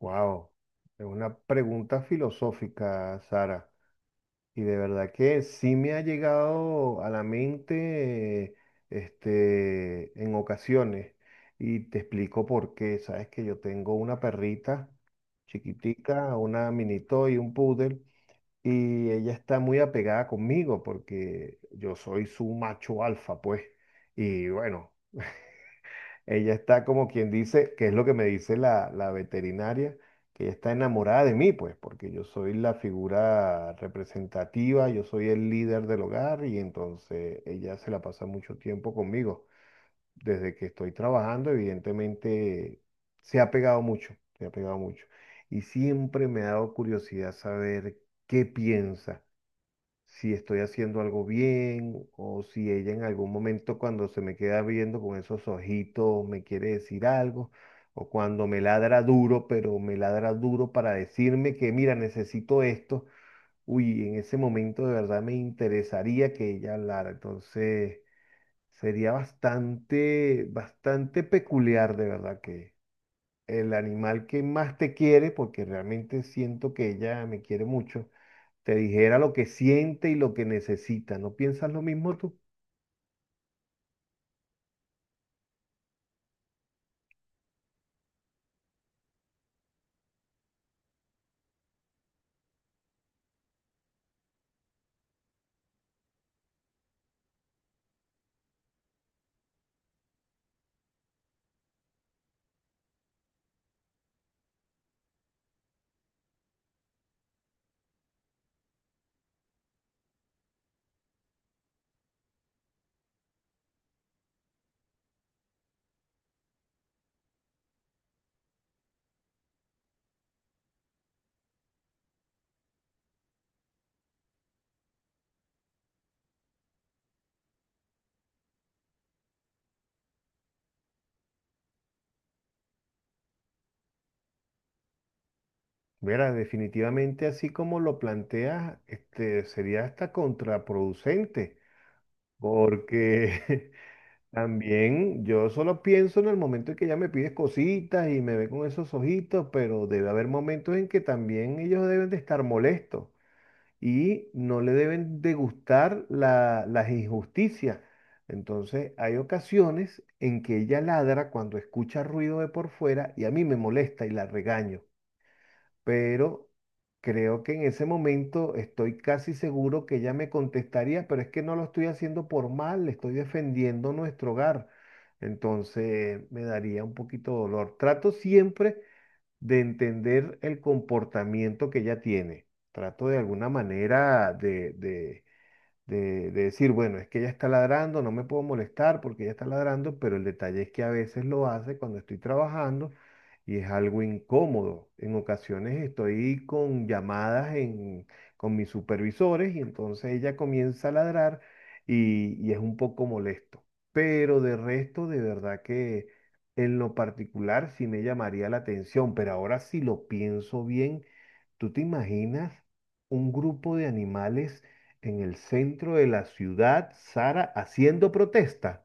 Wow, es una pregunta filosófica, Sara. Y de verdad que sí me ha llegado a la mente, en ocasiones. Y te explico por qué. Sabes que yo tengo una perrita chiquitica, una mini y un poodle, y ella está muy apegada conmigo porque yo soy su macho alfa, pues. Y bueno, ella está como quien dice, que es lo que me dice la veterinaria, que ella está enamorada de mí, pues, porque yo soy la figura representativa, yo soy el líder del hogar y entonces ella se la pasa mucho tiempo conmigo. Desde que estoy trabajando, evidentemente, se ha pegado mucho, se ha pegado mucho. Y siempre me ha dado curiosidad saber qué piensa, si estoy haciendo algo bien o si ella en algún momento cuando se me queda viendo con esos ojitos me quiere decir algo, o cuando me ladra duro, pero me ladra duro para decirme que mira, necesito esto. Uy, en ese momento de verdad me interesaría que ella hablara. Entonces sería bastante, bastante peculiar de verdad que el animal que más te quiere, porque realmente siento que ella me quiere mucho, te dijera lo que siente y lo que necesita. ¿No piensas lo mismo tú? Mira, definitivamente así como lo planteas, sería hasta contraproducente, porque también yo solo pienso en el momento en que ella me pide cositas y me ve con esos ojitos, pero debe haber momentos en que también ellos deben de estar molestos, y no le deben de gustar las injusticias. Entonces, hay ocasiones en que ella ladra cuando escucha ruido de por fuera y a mí me molesta y la regaño, pero creo que en ese momento estoy casi seguro que ella me contestaría, pero es que no lo estoy haciendo por mal, le estoy defendiendo nuestro hogar. Entonces, me daría un poquito de dolor. Trato siempre de entender el comportamiento que ella tiene. Trato de alguna manera de decir, bueno, es que ella está ladrando, no me puedo molestar porque ella está ladrando, pero el detalle es que a veces lo hace cuando estoy trabajando y es algo incómodo. En ocasiones estoy con llamadas con mis supervisores y entonces ella comienza a ladrar y es un poco molesto. Pero de resto, de verdad que en lo particular sí me llamaría la atención, pero ahora si lo pienso bien, ¿tú te imaginas un grupo de animales en el centro de la ciudad, Sara, haciendo protesta?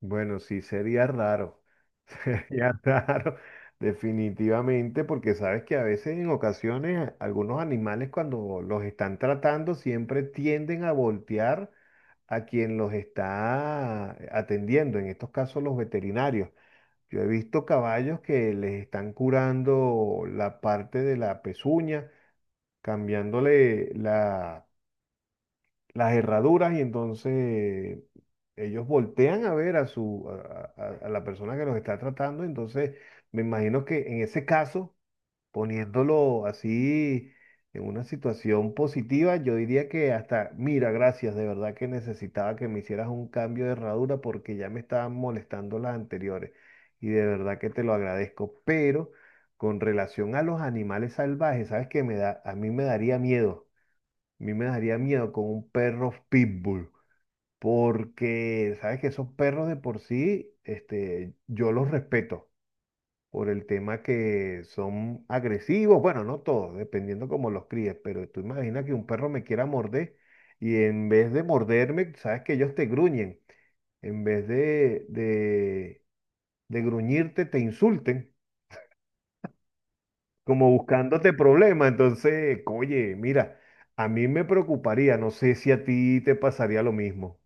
Bueno, sí, sería raro. Sería raro, definitivamente, porque sabes que a veces en ocasiones algunos animales cuando los están tratando siempre tienden a voltear a quien los está atendiendo, en estos casos los veterinarios. Yo he visto caballos que les están curando la parte de la pezuña, cambiándole la las herraduras, y entonces ellos voltean a ver a su a la persona que los está tratando. Entonces me imagino que en ese caso, poniéndolo así en una situación positiva, yo diría que hasta, mira, gracias, de verdad que necesitaba que me hicieras un cambio de herradura porque ya me estaban molestando las anteriores y de verdad que te lo agradezco. Pero con relación a los animales salvajes, ¿sabes qué me da? A mí me daría miedo. A mí me daría miedo con un perro pitbull, porque sabes que esos perros de por sí, yo los respeto por el tema que son agresivos, bueno, no todos, dependiendo cómo los críes, pero tú imaginas que un perro me quiera morder y en vez de morderme, sabes que ellos te gruñen, en vez de gruñirte, te insulten, como buscándote problemas. Entonces, oye, mira, a mí me preocuparía, no sé si a ti te pasaría lo mismo.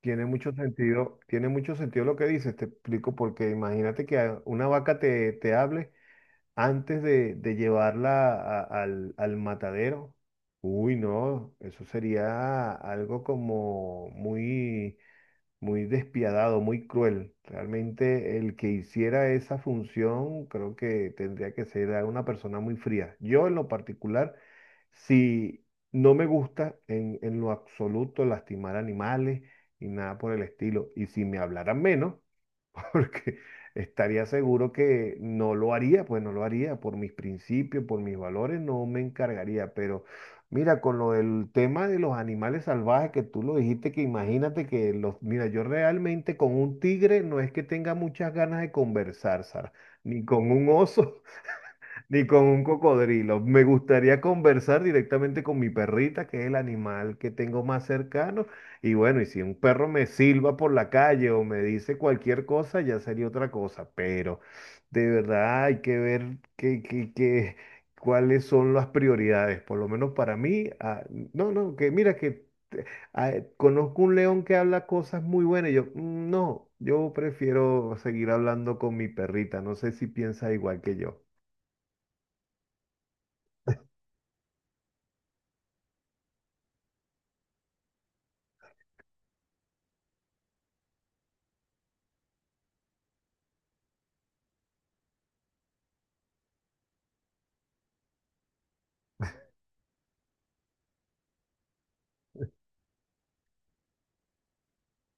Tiene mucho sentido lo que dices, te explico, porque imagínate que una vaca te hable antes de llevarla al matadero. Uy, no, eso sería algo como muy, muy despiadado, muy cruel. Realmente el que hiciera esa función creo que tendría que ser a una persona muy fría. Yo en lo particular, si no me gusta en lo absoluto lastimar animales y nada por el estilo, y si me hablaran menos, porque estaría seguro que no lo haría, pues no lo haría, por mis principios, por mis valores, no me encargaría. Pero mira, con lo del tema de los animales salvajes que tú lo dijiste, que imagínate que los, mira, yo realmente con un tigre no es que tenga muchas ganas de conversar, Sara, ni con un oso ni con un cocodrilo. Me gustaría conversar directamente con mi perrita, que es el animal que tengo más cercano. Y bueno, y si un perro me silba por la calle o me dice cualquier cosa, ya sería otra cosa. Pero de verdad hay que ver cuáles son las prioridades. Por lo menos para mí, ah, no, no, que mira ah, conozco un león que habla cosas muy buenas. Y yo, "Mm, no, yo prefiero seguir hablando con mi perrita". No sé si piensa igual que yo.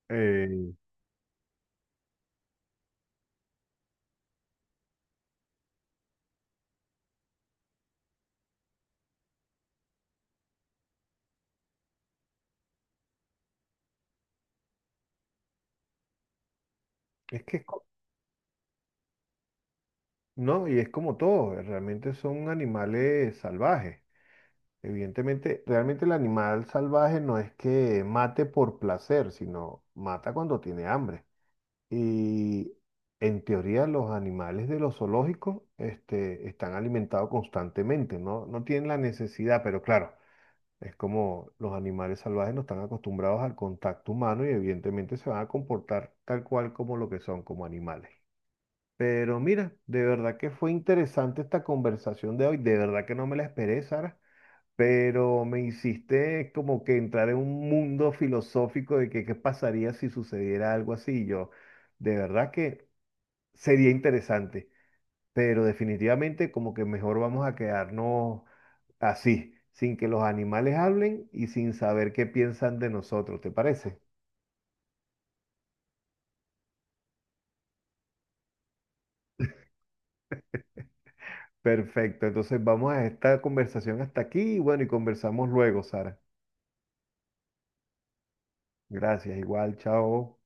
Eh, es que, es co- no, y es como todo, realmente son animales salvajes. Evidentemente, realmente el animal salvaje no es que mate por placer, sino mata cuando tiene hambre. Y en teoría los animales de los zoológicos, están alimentados constantemente, ¿no? No tienen la necesidad, pero claro, es como los animales salvajes no están acostumbrados al contacto humano y evidentemente se van a comportar tal cual como lo que son, como animales. Pero mira, de verdad que fue interesante esta conversación de hoy. De verdad que no me la esperé, Sara. Pero me hiciste como que entrar en un mundo filosófico de que qué pasaría si sucediera algo así. Yo, de verdad que sería interesante. Pero definitivamente como que mejor vamos a quedarnos así, sin que los animales hablen y sin saber qué piensan de nosotros. ¿Te parece? Perfecto. Entonces vamos a esta conversación hasta aquí y bueno, y conversamos luego, Sara. Gracias, igual, chao.